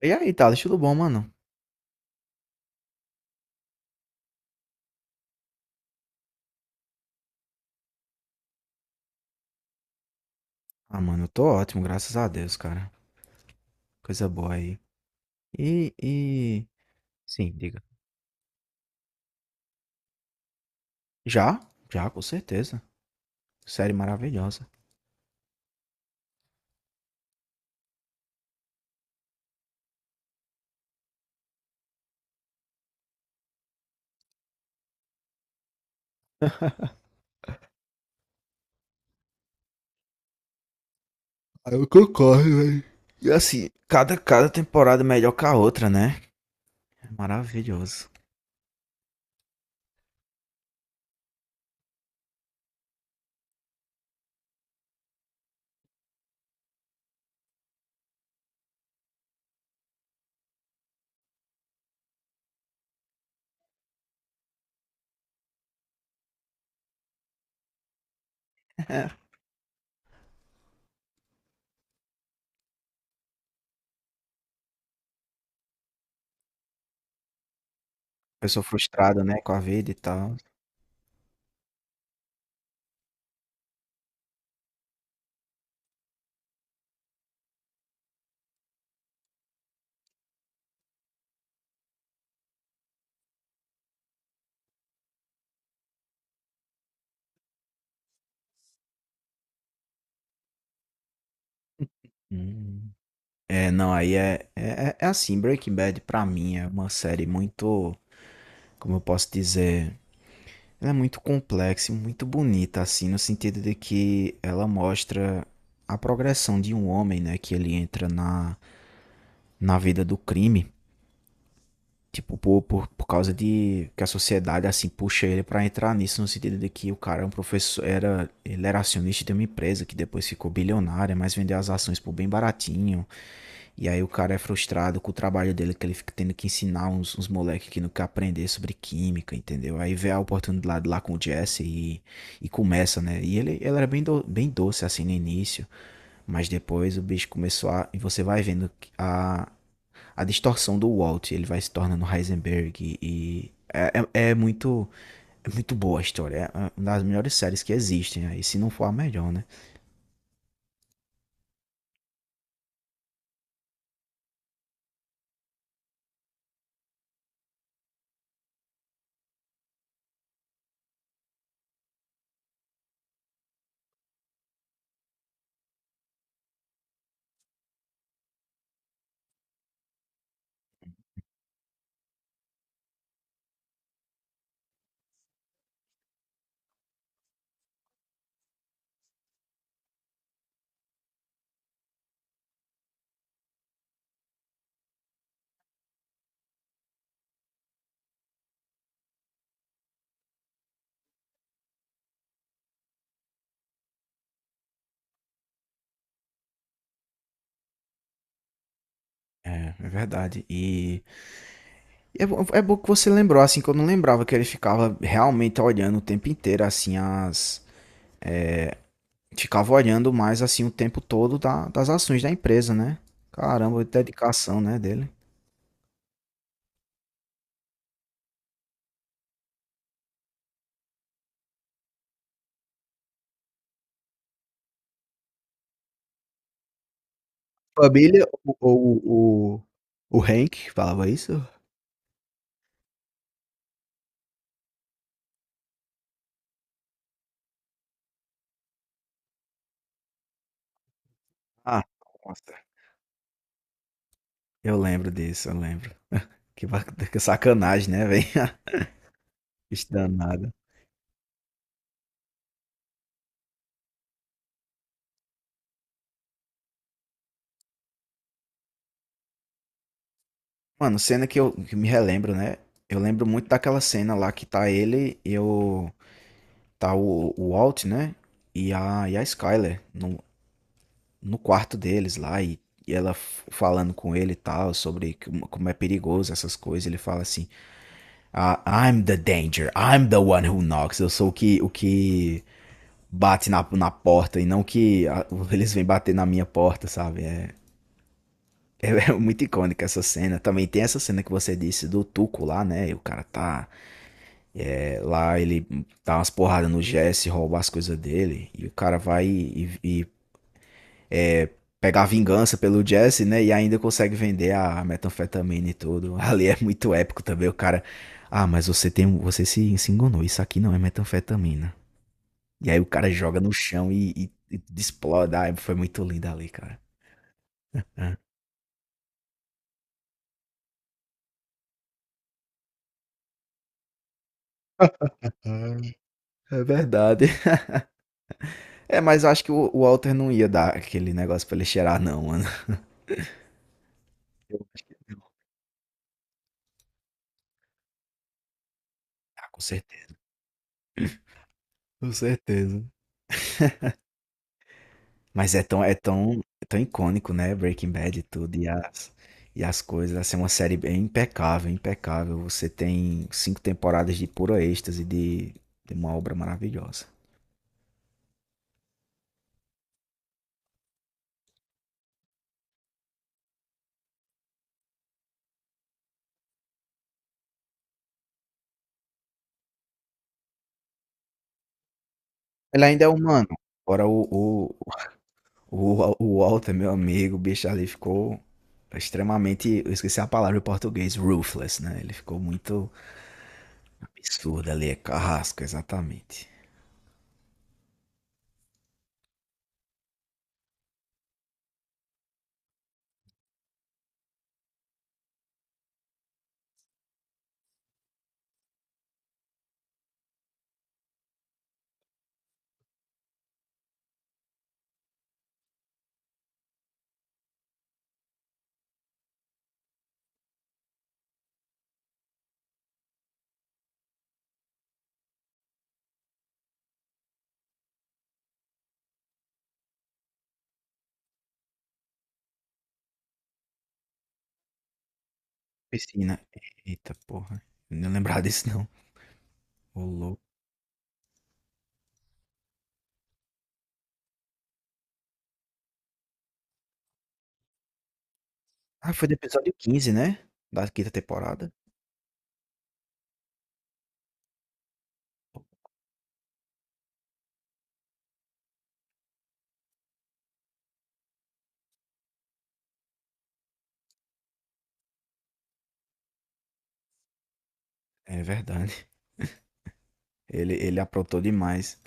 E aí, Thales, tudo bom, mano? Ah, mano, eu tô ótimo, graças a Deus, cara. Coisa boa aí. E, e... Sim, diga. Já? Já, com certeza. Série maravilhosa. E assim, cada temporada é melhor que a outra, né? Maravilhoso. Pessoa frustrada, né, com a vida e tal. Hum. É, não, aí é assim, Breaking Bad pra mim é uma série muito, como eu posso dizer. Ela é muito complexa e muito bonita, assim, no sentido de que ela mostra a progressão de um homem, né? Que ele entra na, vida do crime. Tipo, por causa de que a sociedade assim puxa ele pra entrar nisso, no sentido de que o cara é um professor, era, ele era acionista de uma empresa que depois ficou bilionária, mas vendeu as ações por bem baratinho. E aí o cara é frustrado com o trabalho dele, que ele fica tendo que ensinar uns, moleques que não quer aprender sobre química, entendeu? Aí vê a oportunidade lá com o Jesse e começa, né? E ele, era bem doce assim no início, mas depois o bicho começou a. E você vai vendo a, a distorção do Walt, ele vai se tornando Heisenberg e é muito boa a história, é uma das melhores séries que existem, aí se não for a melhor, né? É verdade. E é, é bom que você lembrou, assim, que eu não lembrava que ele ficava realmente olhando o tempo inteiro, assim, é, ficava olhando mais assim o tempo todo das ações da empresa, né? Caramba, dedicação, né, dele. Família, o Hank falava isso? Ah, nossa. Eu lembro disso, eu lembro. Que, que sacanagem, né, velho? Danada. Mano, cena que eu que me relembro, né? Eu lembro muito daquela cena lá que tá ele e o. Tá o Walt, né? E a Skyler no, quarto deles lá. E ela falando com ele e tal, sobre como é perigoso essas coisas. Ele fala assim: "Ah, I'm the danger, I'm the one who knocks. Eu sou o que bate na porta e não que eles vêm bater na minha porta, sabe? É. É muito icônica essa cena. Também tem essa cena que você disse do Tuco lá, né? E o cara tá lá, ele dá umas porradas no Jesse, rouba as coisas dele. E o cara vai e pegar vingança pelo Jesse, né? E ainda consegue vender a metanfetamina e tudo. Ali é muito épico também. O cara, ah, mas você tem, você se enganou. Isso aqui não é metanfetamina. E aí o cara joga no chão e explode. Ah, foi muito lindo ali, cara. É. Ah, é verdade. É, mas eu acho que o Walter não ia dar aquele negócio pra ele cheirar não, mano. Eu acho que não. Ah, com certeza. Com certeza. Mas é tão, é tão, é tão icônico, né? Breaking Bad e tudo, e as coisas. Assim, é uma série bem impecável, impecável. Você tem cinco temporadas de puro êxtase, de uma obra maravilhosa. Ele ainda é humano. Agora o Walter, meu amigo, o bicho ali ficou extremamente. Eu esqueci a palavra em português, ruthless, né? Ele ficou muito, absurda ali, é carrasco, exatamente. Piscina. Eita porra. Não lembrava disso não. Ô louco. Ah, foi do episódio 15, né? Da quinta temporada. É verdade. Ele aprontou demais.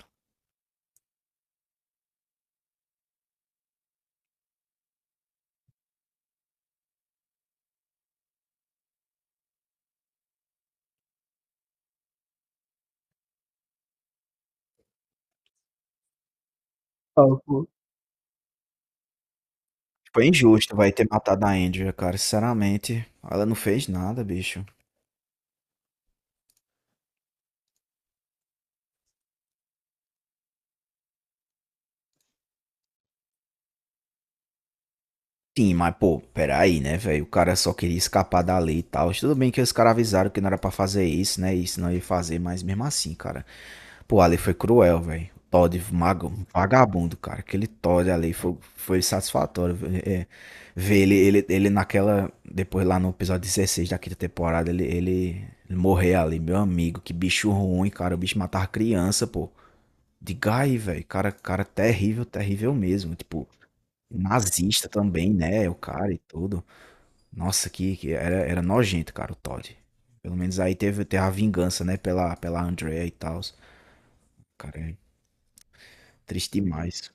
Total, pô. Foi injusto, vai ter matado a Andrea, cara. Sinceramente, ela não fez nada, bicho. Sim, mas pô, peraí, né, velho? O cara só queria escapar da lei e tal. Tudo bem que os caras avisaram que não era pra fazer isso, né? Isso não ia fazer, mas mesmo assim, cara. Pô, a lei foi cruel, velho. O Todd, vagabundo, cara. Aquele Todd ali foi satisfatório. Ver ele naquela. Depois lá no episódio 16 da quinta temporada, ele morrer ali, meu amigo. Que bicho ruim, cara. O bicho matava criança, pô. De Guy, velho. Cara, cara terrível, terrível mesmo. Tipo. Nazista também, né? O cara e tudo. Nossa, que era nojento, cara, o Todd. Pelo menos aí teve a vingança, né? Pela Andrea e tal. Cara, é triste demais.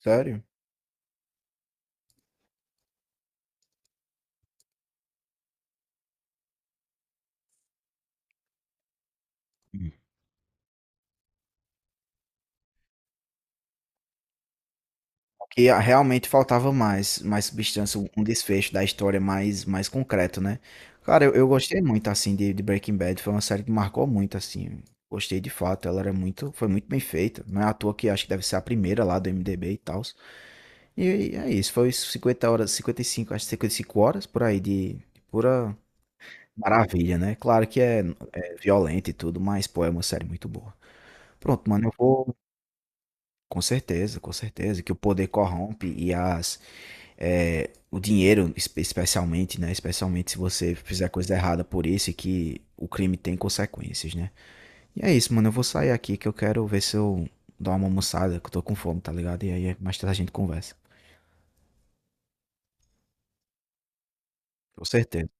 Sério? Hum. Que realmente faltava mais substância, um desfecho da história mais concreto, né? Cara, eu gostei muito, assim, de Breaking Bad. Foi uma série que marcou muito, assim. Gostei de fato. Ela era muito, foi muito bem feita. Não é à toa que acho que deve ser a primeira lá do MDB e tal. E é isso, foi 50 horas, 55 acho que 55 horas por aí de pura maravilha, né? Claro que é violento e tudo, mas pô, é uma série muito boa. Pronto, mano, com certeza, que o poder corrompe e o dinheiro, especialmente, né? Especialmente se você fizer coisa errada por isso e que o crime tem consequências, né? E é isso, mano, eu vou sair aqui que eu quero ver se eu dou uma almoçada, que eu tô com fome, tá ligado? E aí mais tarde a gente conversa. Com certeza.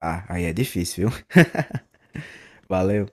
Ah, aí é difícil, viu? Valeu.